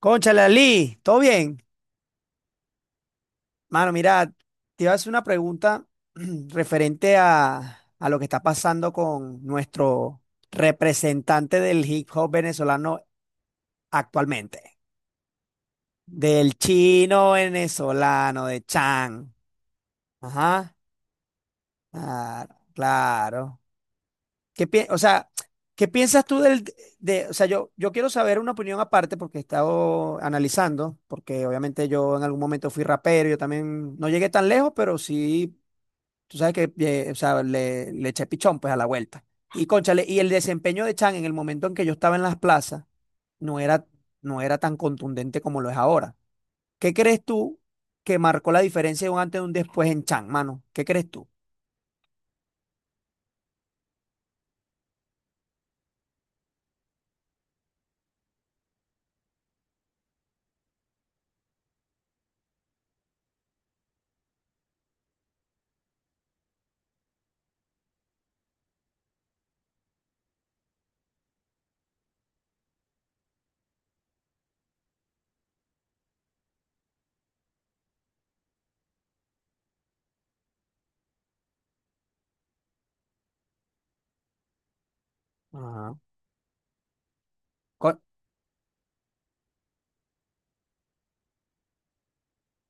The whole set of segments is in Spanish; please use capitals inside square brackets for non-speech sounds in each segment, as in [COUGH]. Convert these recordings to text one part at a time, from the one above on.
Cónchale, Ali, ¿todo bien? Mano, mira, te iba a hacer una pregunta [CLEARS THROAT] referente a lo que está pasando con nuestro representante del hip hop venezolano actualmente, del chino venezolano, de Chan. Ajá, claro, claro. O sea, ¿qué piensas tú o sea, yo quiero saber una opinión aparte porque he estado analizando, porque obviamente yo en algún momento fui rapero, yo también no llegué tan lejos, pero sí, tú sabes que, o sea, le eché pichón pues a la vuelta. Y cónchale, y el desempeño de Chan en el momento en que yo estaba en las plazas no era, no era tan contundente como lo es ahora. ¿Qué crees tú que marcó la diferencia de un antes y un después en Chan, mano? ¿Qué crees tú? Ajá.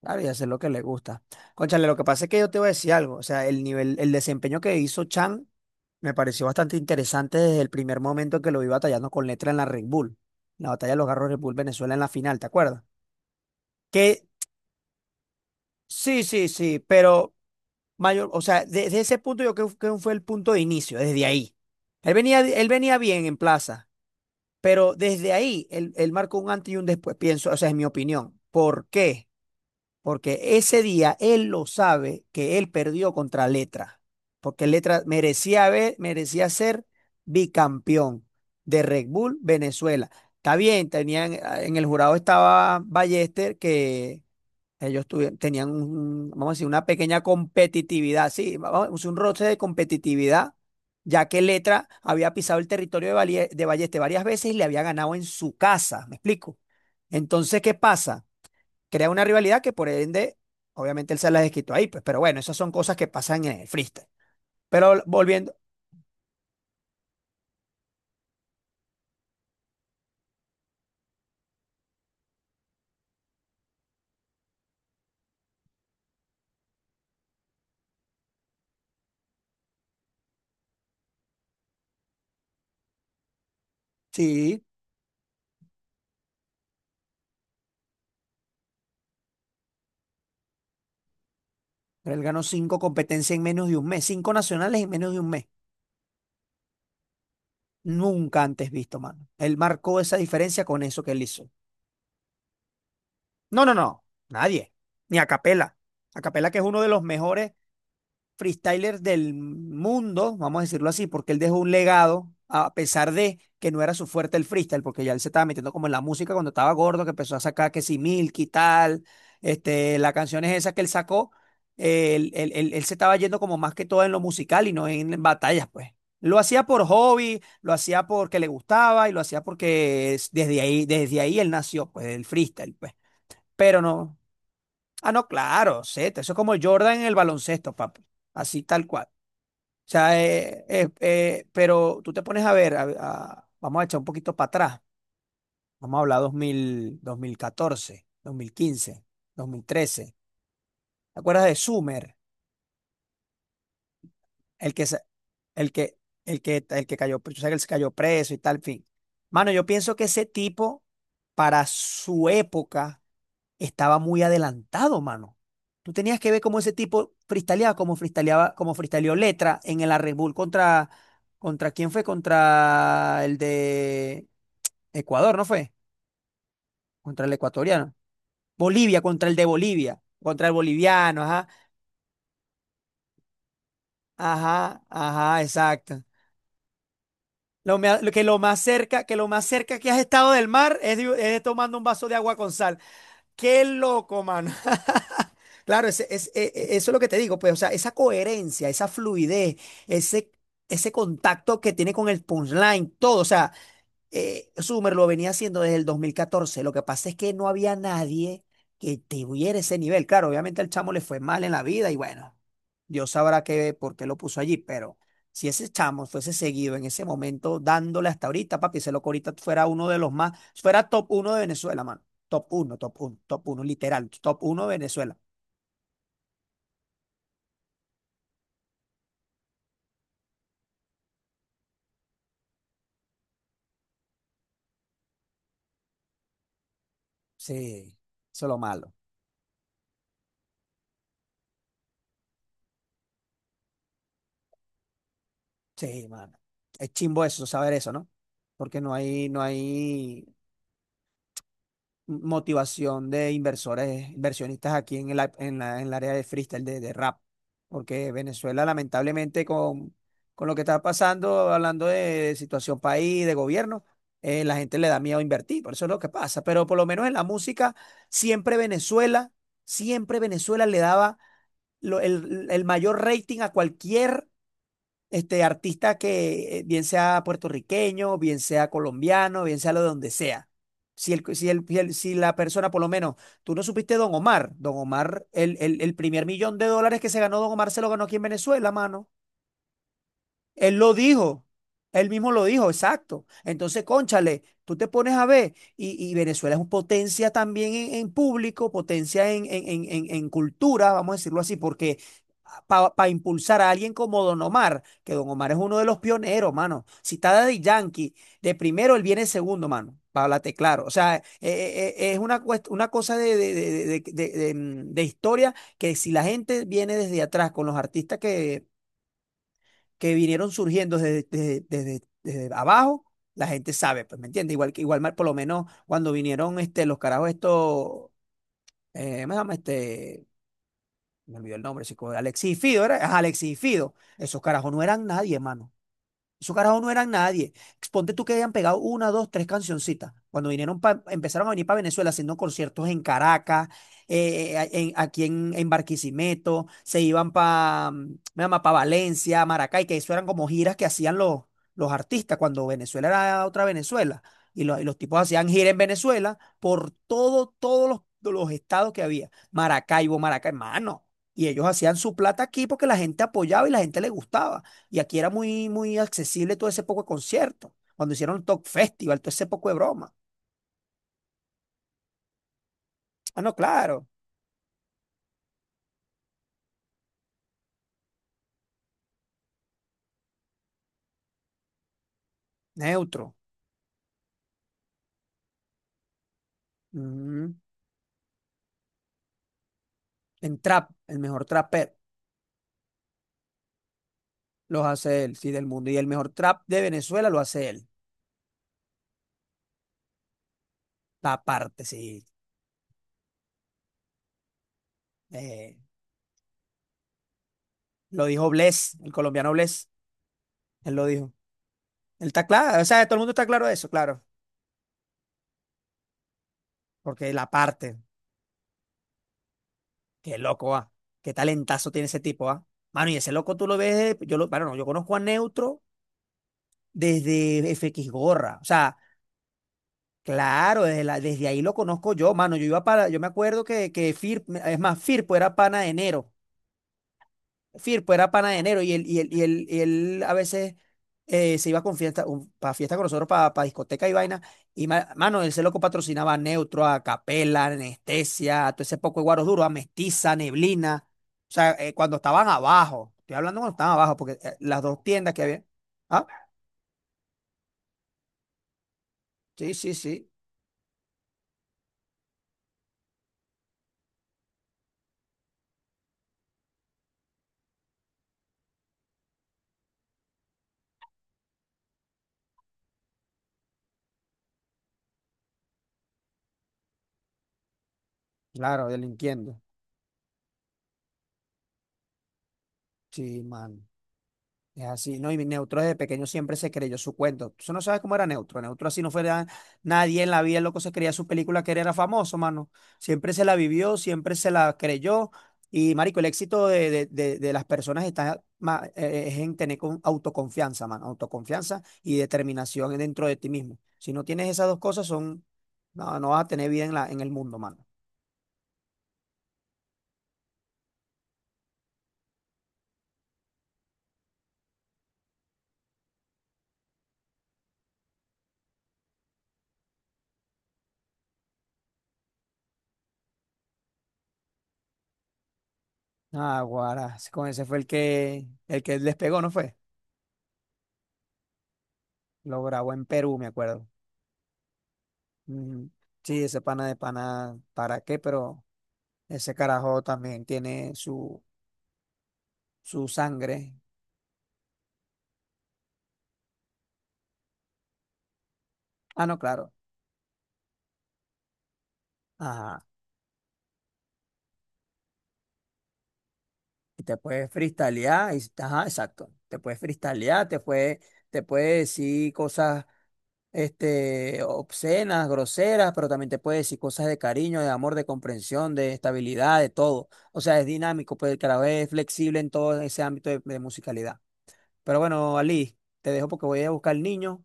Claro, y hacer lo que le gusta. Cónchale, lo que pasa es que yo te voy a decir algo. O sea, el nivel, el desempeño que hizo Chan me pareció bastante interesante desde el primer momento que lo vi batallando con letra en la Red Bull. La batalla de los Garros Red Bull Venezuela en la final, ¿te acuerdas? Que sí, sí, sí, pero mayor, o sea, desde ese punto yo creo que fue el punto de inicio, desde ahí. Él venía bien en plaza, pero desde ahí él marcó un antes y un después, pienso, o sea, es mi opinión. ¿Por qué? Porque ese día él lo sabe que él perdió contra Letra, porque Letra merecía, merecía ser bicampeón de Red Bull Venezuela. Está bien, tenían, ah, en el jurado estaba Ballester, que ellos tenían, vamos a decir, una pequeña competitividad, sí, vamos a decir, un roce de competitividad, ya que Letra había pisado el territorio de Ballester varias veces y le había ganado en su casa, ¿me explico? Entonces, ¿qué pasa? Crea una rivalidad que por ende, obviamente él se las desquitó ahí, pues, pero bueno, esas son cosas que pasan en el freestyle. Pero volviendo, sí, él ganó cinco competencias en menos de un mes, cinco nacionales en menos de un mes. Nunca antes visto, mano. Él marcó esa diferencia con eso que él hizo. No, no, no, nadie, ni a Capela, que es uno de los mejores freestylers del mundo, vamos a decirlo así, porque él dejó un legado, a pesar de que no era su fuerte el freestyle, porque ya él se estaba metiendo como en la música cuando estaba gordo, que empezó a sacar que si Milky tal, este, las canciones esas que él sacó, él se estaba yendo como más que todo en lo musical y no en batallas, pues. Lo hacía por hobby, lo hacía porque le gustaba y lo hacía porque desde ahí él nació, pues, del freestyle, pues. Pero no. Ah, no, claro, Z, eso es como Jordan en el baloncesto, papi. Así tal cual. O sea, pero tú te pones a ver, vamos a echar un poquito para atrás. Vamos a hablar dos mil catorce, quince, 2013. ¿Te acuerdas de Sumer? El que, sa- el que, el que, el que cayó, o sea, que él se cayó preso y tal, en fin. Mano, yo pienso que ese tipo, para su época, estaba muy adelantado, mano. Tú tenías que ver cómo ese tipo freestyleaba, como freestyleó Letra en el Red Bull contra quién fue, contra el de Ecuador, ¿no fue? Contra el ecuatoriano. Bolivia, contra el de Bolivia, contra el boliviano, ajá, ajá, ajá, exacto. Lo que lo más cerca, que lo más cerca que has estado del mar es tomando un vaso de agua con sal. Qué loco, mano. Claro, ese es- e- e- eso es lo que te digo, pues, o sea, esa coherencia, esa fluidez, ese, ese contacto que tiene con el punchline, todo, o sea, Summer lo venía haciendo desde el 2014. Lo que pasa es que no había nadie que tuviera ese nivel, claro, obviamente al chamo le fue mal en la vida y bueno, Dios sabrá qué, por qué lo puso allí, pero si ese chamo fuese seguido en ese momento dándole hasta ahorita, papi, ese loco ahorita fuera uno de los más, fuera top uno de Venezuela, mano, top uno, top uno, top uno, literal, top uno de Venezuela. Sí, eso es lo malo. Sí, mano. Es chimbo eso, saber eso, ¿no? Porque no hay, no hay motivación de inversores, inversionistas aquí en el, en la, en el área de freestyle, de rap. Porque Venezuela, lamentablemente, con lo que está pasando, hablando de situación país, de gobierno, la gente le da miedo invertir. Por eso es lo que pasa. Pero por lo menos en la música, siempre Venezuela, siempre Venezuela le daba el mayor rating a cualquier este, artista que bien sea puertorriqueño, bien sea colombiano, bien sea lo de donde sea. Si la persona, por lo menos, tú no supiste Don Omar, Don Omar, el primer millón de dólares que se ganó Don Omar se lo ganó aquí en Venezuela, mano. Él lo dijo, él mismo lo dijo, exacto. Entonces, cónchale, tú te pones a ver, y Venezuela es un potencia también en público, potencia en, en cultura, vamos a decirlo así, porque para impulsar a alguien como Don Omar, que Don Omar es uno de los pioneros, mano. Si está Daddy Yankee, de primero él viene segundo, mano, para hablarte claro. O sea, es una cosa de, mm, de historia que si la gente viene desde atrás con los artistas que vinieron surgiendo desde abajo, la gente sabe, pues, ¿me entiendes? Igual que igual mal, por lo menos cuando vinieron este, los carajos estos, ¿cómo se llama? Este, me olvidó el nombre, chico, Alexis y Fido, ¿era? Ajá, Alexis y Fido. Esos carajos no eran nadie, hermano. Esos carajos no eran nadie. Ponte tú que hayan pegado una, dos, tres cancioncitas. Cuando vinieron empezaron a venir para Venezuela haciendo conciertos en Caracas, aquí en Barquisimeto, se iban para Valencia, Maracay, que eso eran como giras que hacían los artistas cuando Venezuela era otra Venezuela. Y, y los tipos hacían gira en Venezuela por todo, todos los estados que había. Maracaibo, Maracay, mano. Y ellos hacían su plata aquí porque la gente apoyaba y la gente le gustaba. Y aquí era muy, muy accesible todo ese poco de concierto. Cuando hicieron el Talk Festival, todo ese poco de broma. Ah, no, claro. Neutro. Mm. En trap, el mejor trapper los hace él, sí, del mundo. Y el mejor trap de Venezuela lo hace él. La parte, sí. Eh, lo dijo Bless, el colombiano Bless. Él lo dijo. Él está claro. O sea, todo el mundo está claro de eso, claro. Porque la parte, qué loco, va. Qué talentazo tiene ese tipo, va. Mano, y ese loco tú lo ves, de- yo lo, bueno, no, yo conozco a Neutro desde FX Gorra. O sea, claro, desde ahí lo conozco yo, mano. Yo iba para, yo me acuerdo que, que es más, Firpo era pana de enero. Firpo era pana de enero y él a veces se iba con fiesta, para fiesta con nosotros, para discoteca y vaina. Y mano, él se loco patrocinaba a Neutro, a Capela, a Anestesia, a todo ese poco de guaros duros, a Mestiza, Neblina. O sea, cuando estaban abajo, estoy hablando cuando estaban abajo, porque las dos tiendas que había. Ah, sí, sí, sí, claro, delinquiendo. Sí, mano. Es así, ¿no? Y Neutro desde pequeño siempre se creyó su cuento. Tú no sabes cómo era Neutro. Neutro así no fuera nadie en la vida, el loco se creía su película que él era famoso, mano. Siempre se la vivió, siempre se la creyó. Y, marico, el éxito de las personas es en tener con autoconfianza, mano. Autoconfianza y determinación dentro de ti mismo. Si no tienes esas dos cosas, no, no vas a tener vida en la, en el mundo, mano. Ah, guara, con ese fue el que despegó, ¿no fue? Lo grabó en Perú, me acuerdo. Ujú. Sí, ese pana de pana, ¿para qué? Pero ese carajo también tiene su, su sangre. Ah, no, claro. Ajá. Y te puedes freestylear. Y, ajá, exacto. Te puedes freestylear, te puede decir cosas este, obscenas, groseras, pero también te puede decir cosas de cariño, de amor, de comprensión, de estabilidad, de todo. O sea, es dinámico, pero el carajo es flexible en todo ese ámbito de musicalidad. Pero bueno, Ali, te dejo porque voy a buscar al niño.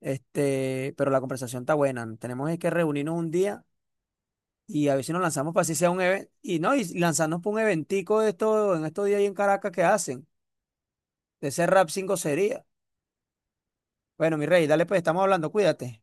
Este, pero la conversación está buena, ¿no? Tenemos es que reunirnos un día y a ver si nos lanzamos para así sea un evento. Y no, y lanzarnos para un eventico de esto en estos días ahí en Caracas que hacen. De ese rap 5 sería. Bueno, mi rey, dale pues, estamos hablando, cuídate.